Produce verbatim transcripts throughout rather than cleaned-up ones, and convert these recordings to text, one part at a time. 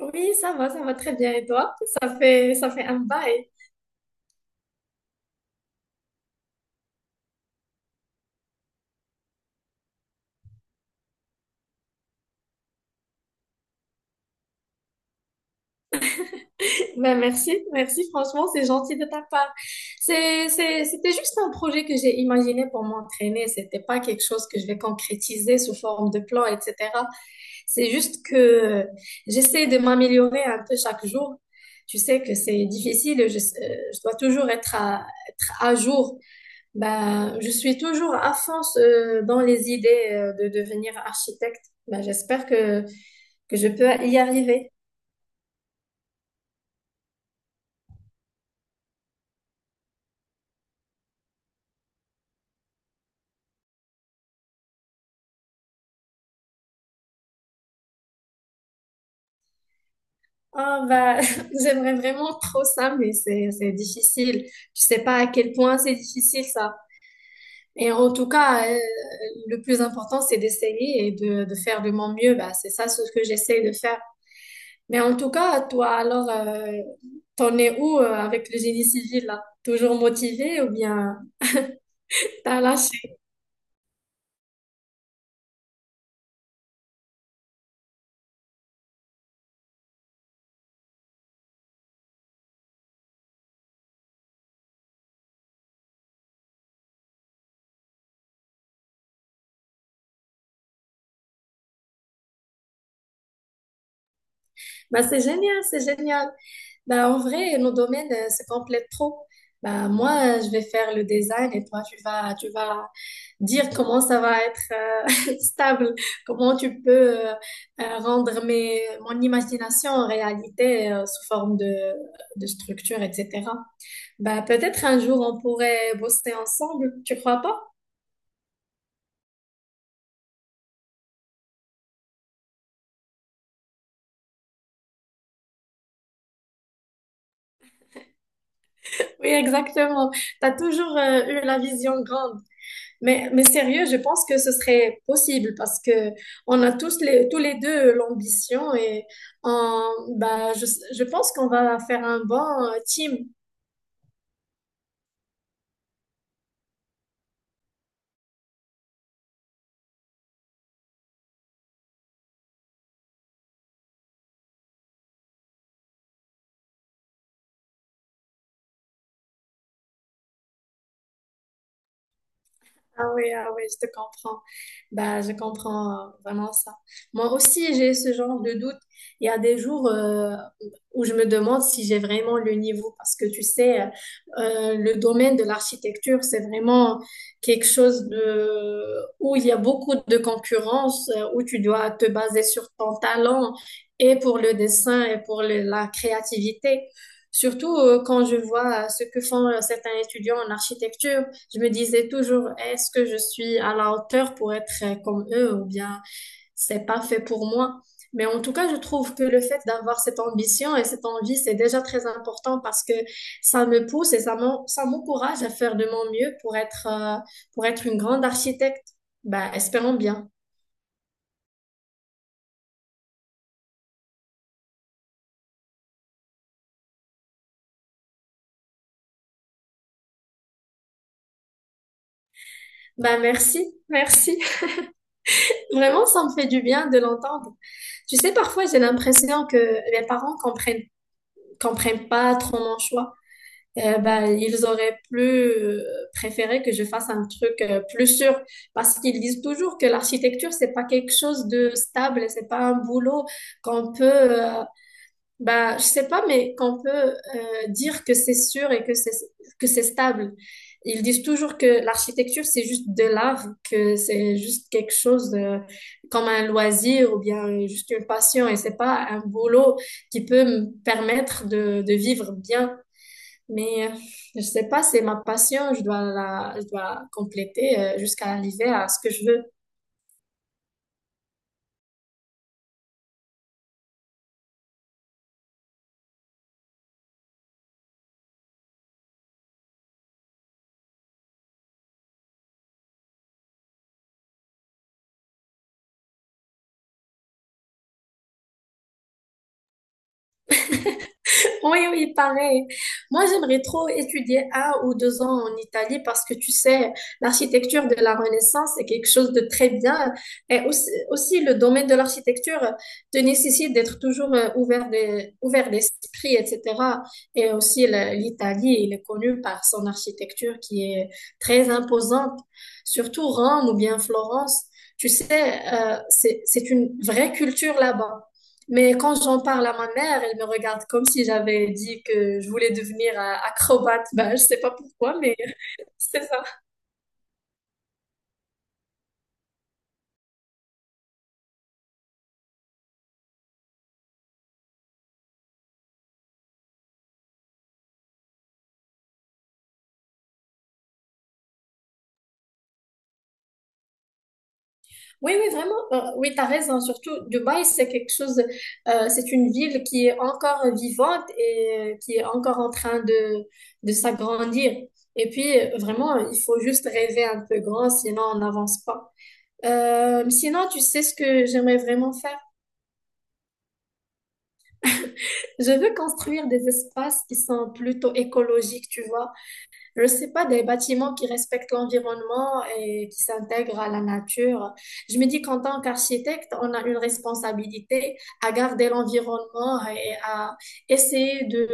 Oui, ça va, ça va très bien. Et toi? Ça fait, ça fait un bail. Ben, merci, merci. Franchement, c'est gentil de ta part. C'est, c'est, c'était juste un projet que j'ai imaginé pour m'entraîner. C'était pas quelque chose que je vais concrétiser sous forme de plan, et cetera. C'est juste que j'essaie de m'améliorer un peu chaque jour. Tu sais que c'est difficile. Je, euh, je dois toujours être à, être à jour. Ben, je suis toujours à fond euh, dans les idées euh, de devenir architecte. Ben, j'espère que que je peux y arriver. Oh, bah, j'aimerais vraiment trop ça, mais c'est, c'est difficile. Je sais pas à quel point c'est difficile ça. Et en tout cas, euh, le plus important, c'est d'essayer et de, de faire de mon mieux. Bah, c'est ça ce que j'essaie de faire. Mais en tout cas, toi, alors, euh, t'en es où euh, avec le génie civil là? Toujours motivé ou bien t'as lâché? Bah, c'est génial, c'est génial. Bah, en vrai, nos domaines euh, se complètent trop. Bah, moi, euh, je vais faire le design et toi, tu vas, tu vas dire comment ça va être euh, stable, comment tu peux euh, euh, rendre mes, mon imagination en réalité euh, sous forme de, de structure, et cetera. Bah, peut-être un jour on pourrait bosser ensemble, tu crois pas? Oui, exactement. T'as toujours euh, eu la vision grande. Mais, mais sérieux, je pense que ce serait possible parce que on a tous les, tous les deux l'ambition et on- bah, je, je pense qu'on va faire un bon euh, team. Ah oui, ah oui, je te comprends. Bah, je comprends euh, vraiment ça. Moi aussi, j'ai ce genre de doute. Il y a des jours euh, où je me demande si j'ai vraiment le niveau parce que tu sais, euh, le domaine de l'architecture, c'est vraiment quelque chose de où il y a beaucoup de concurrence, euh, où tu dois te baser sur ton talent et pour le dessin et pour le- la créativité. Surtout euh, quand je vois euh, ce que font euh, certains étudiants en architecture. Je me disais toujours, est-ce que je suis à la hauteur pour être euh, comme eux ou bien c'est pas fait pour moi? Mais en tout cas, je trouve que le fait d'avoir cette ambition et cette envie, c'est déjà très important parce que ça me pousse et ça m'en- ça m'encourage à faire de mon mieux pour être, euh, pour être une grande architecte. Bah, espérons bien. Bah, merci, merci. Vraiment, ça me fait du bien de l'entendre. Tu sais, parfois, j'ai l'impression que mes parents comprennent, comprennent pas trop mon choix. Euh, ben, ils auraient plus euh, préféré que je fasse un truc euh, plus sûr parce qu'ils disent toujours que l'architecture, c'est pas quelque chose de stable, et c'est pas un boulot qu'on peut, euh, ben, je sais pas, mais qu'on peut euh, dire que c'est sûr et que c'est que c'est stable. Ils disent toujours que l'architecture, c'est juste de l'art, que c'est juste quelque chose euh, comme un loisir ou bien juste une passion et c'est pas un boulot qui peut me permettre de, de vivre bien. Mais euh, je sais pas, c'est ma passion, je dois la, je dois la compléter euh, jusqu'à arriver à ce que je veux. Oui, oui, pareil. Moi, j'aimerais trop étudier un ou deux ans en Italie parce que tu sais, l'architecture de la Renaissance est quelque chose de très bien. Et aussi, aussi le domaine de l'architecture te nécessite d'être toujours euh, ouvert de- ouvert d'esprit, et cetera. Et aussi, le- l'Italie, il est connu par son architecture qui est très imposante, surtout Rome ou bien Florence. Tu sais, euh, c'est, c'est une vraie culture là-bas. Mais quand j'en parle à ma mère, elle me regarde comme si j'avais dit que je voulais devenir euh, acrobate. Ben, je sais pas pourquoi, mais c'est ça. Oui, oui, vraiment. euh, oui, t'as raison. Surtout, Dubaï, c'est quelque chose, euh, c'est une ville qui est encore vivante et euh, qui est encore en train de, de s'agrandir. Et puis, euh, vraiment, il faut juste rêver un peu grand, sinon on n'avance pas. Euh, sinon, tu sais ce que j'aimerais vraiment faire? Je veux construire des espaces qui sont plutôt écologiques, tu vois. Je sais pas, des bâtiments qui respectent l'environnement et qui s'intègrent à la nature. Je me dis qu'en tant qu'architecte, on a une responsabilité à garder l'environnement et à essayer de,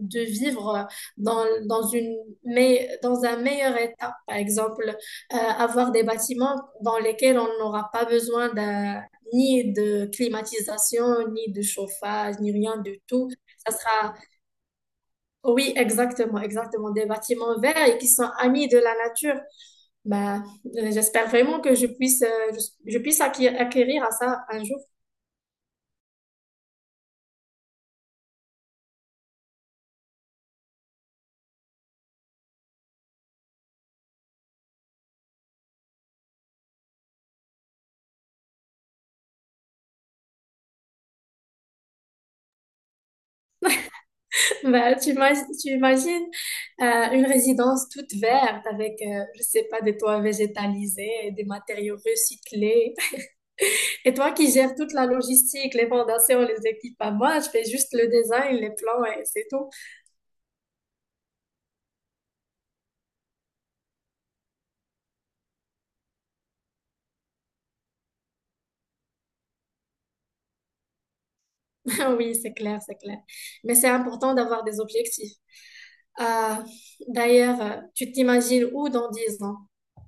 de vivre dans, dans une, mais dans un meilleur état. Par exemple, euh, avoir des bâtiments dans lesquels on n'aura pas besoin d'un, ni de climatisation, ni de chauffage, ni rien du tout. Ça sera Oui, exactement, exactement. Des bâtiments verts et qui sont amis de la nature. Ben, euh, j'espère vraiment que je puisse, euh, je, je puisse acquérir, acquérir à ça un jour. Ben, tu ima- tu imagines euh, une résidence toute verte avec, euh, je sais pas, des toits végétalisés, et des matériaux recyclés. Et toi qui gères toute la logistique, les fondations, les équipements, moi, je fais juste le design, les plans et c'est tout. Oui, c'est clair, c'est clair. Mais c'est important d'avoir des objectifs. Euh, D'ailleurs, euh, tu t'imagines où dans dix ans?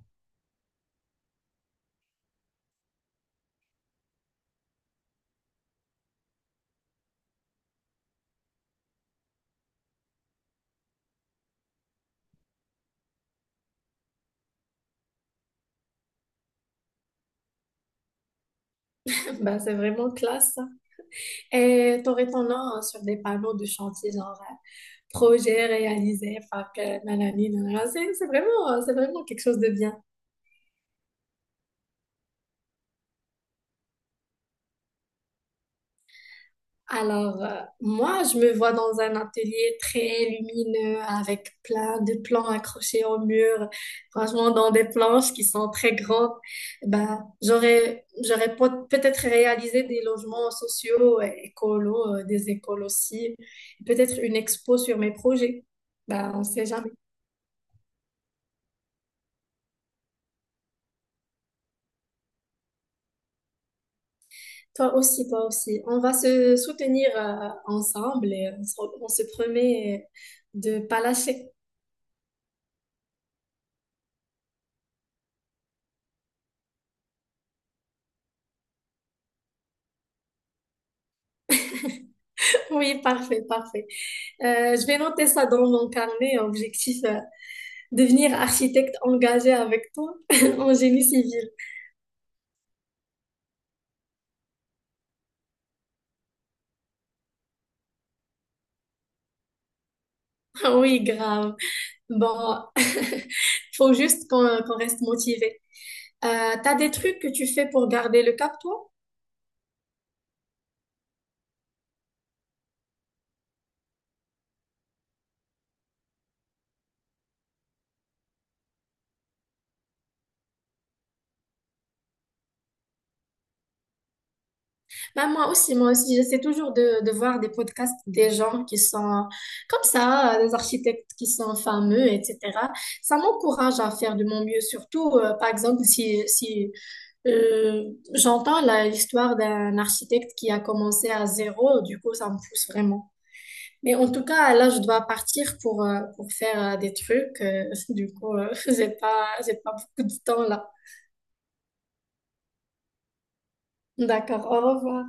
Bah, c'est vraiment classe, ça. Et t'aurais ton nom hein, sur des panneaux de chantier, genre euh, projet réalisé par que nanani, nanana. C'est c'est vraiment, euh, c'est vraiment quelque chose de bien. Alors, euh, moi, je me vois dans un atelier très lumineux avec plein de plans accrochés au mur, franchement, dans des planches qui sont très grandes. Ben, j'aurais, j'aurais pot- peut-être réalisé des logements sociaux, euh, écolos, euh, des écoles aussi, peut-être une expo sur mes projets. Ben, on sait jamais. Toi aussi, toi aussi. On va se soutenir, euh, ensemble et on se, on se promet de pas lâcher. Oui, parfait, parfait. Euh, je vais noter ça dans mon carnet. Objectif, euh, devenir architecte engagé avec toi en génie civil. Oui, grave. Bon, faut juste qu'on qu'on reste motivé. Euh, t'as des trucs que tu fais pour garder le cap, toi? Bah, moi aussi, moi aussi, j'essaie toujours de, de voir des podcasts des gens qui sont comme ça, euh, des architectes qui sont fameux, et cetera. Ça m'encourage à faire de mon mieux, surtout, euh, par exemple, si, si euh, j'entends la- l'histoire d'un architecte qui a commencé à zéro, du coup, ça me pousse vraiment. Mais en tout cas, là, je dois partir pour, euh, pour faire euh, des trucs, euh, du coup, euh, j'ai pas, j'ai pas beaucoup de temps là. D'accord, au revoir.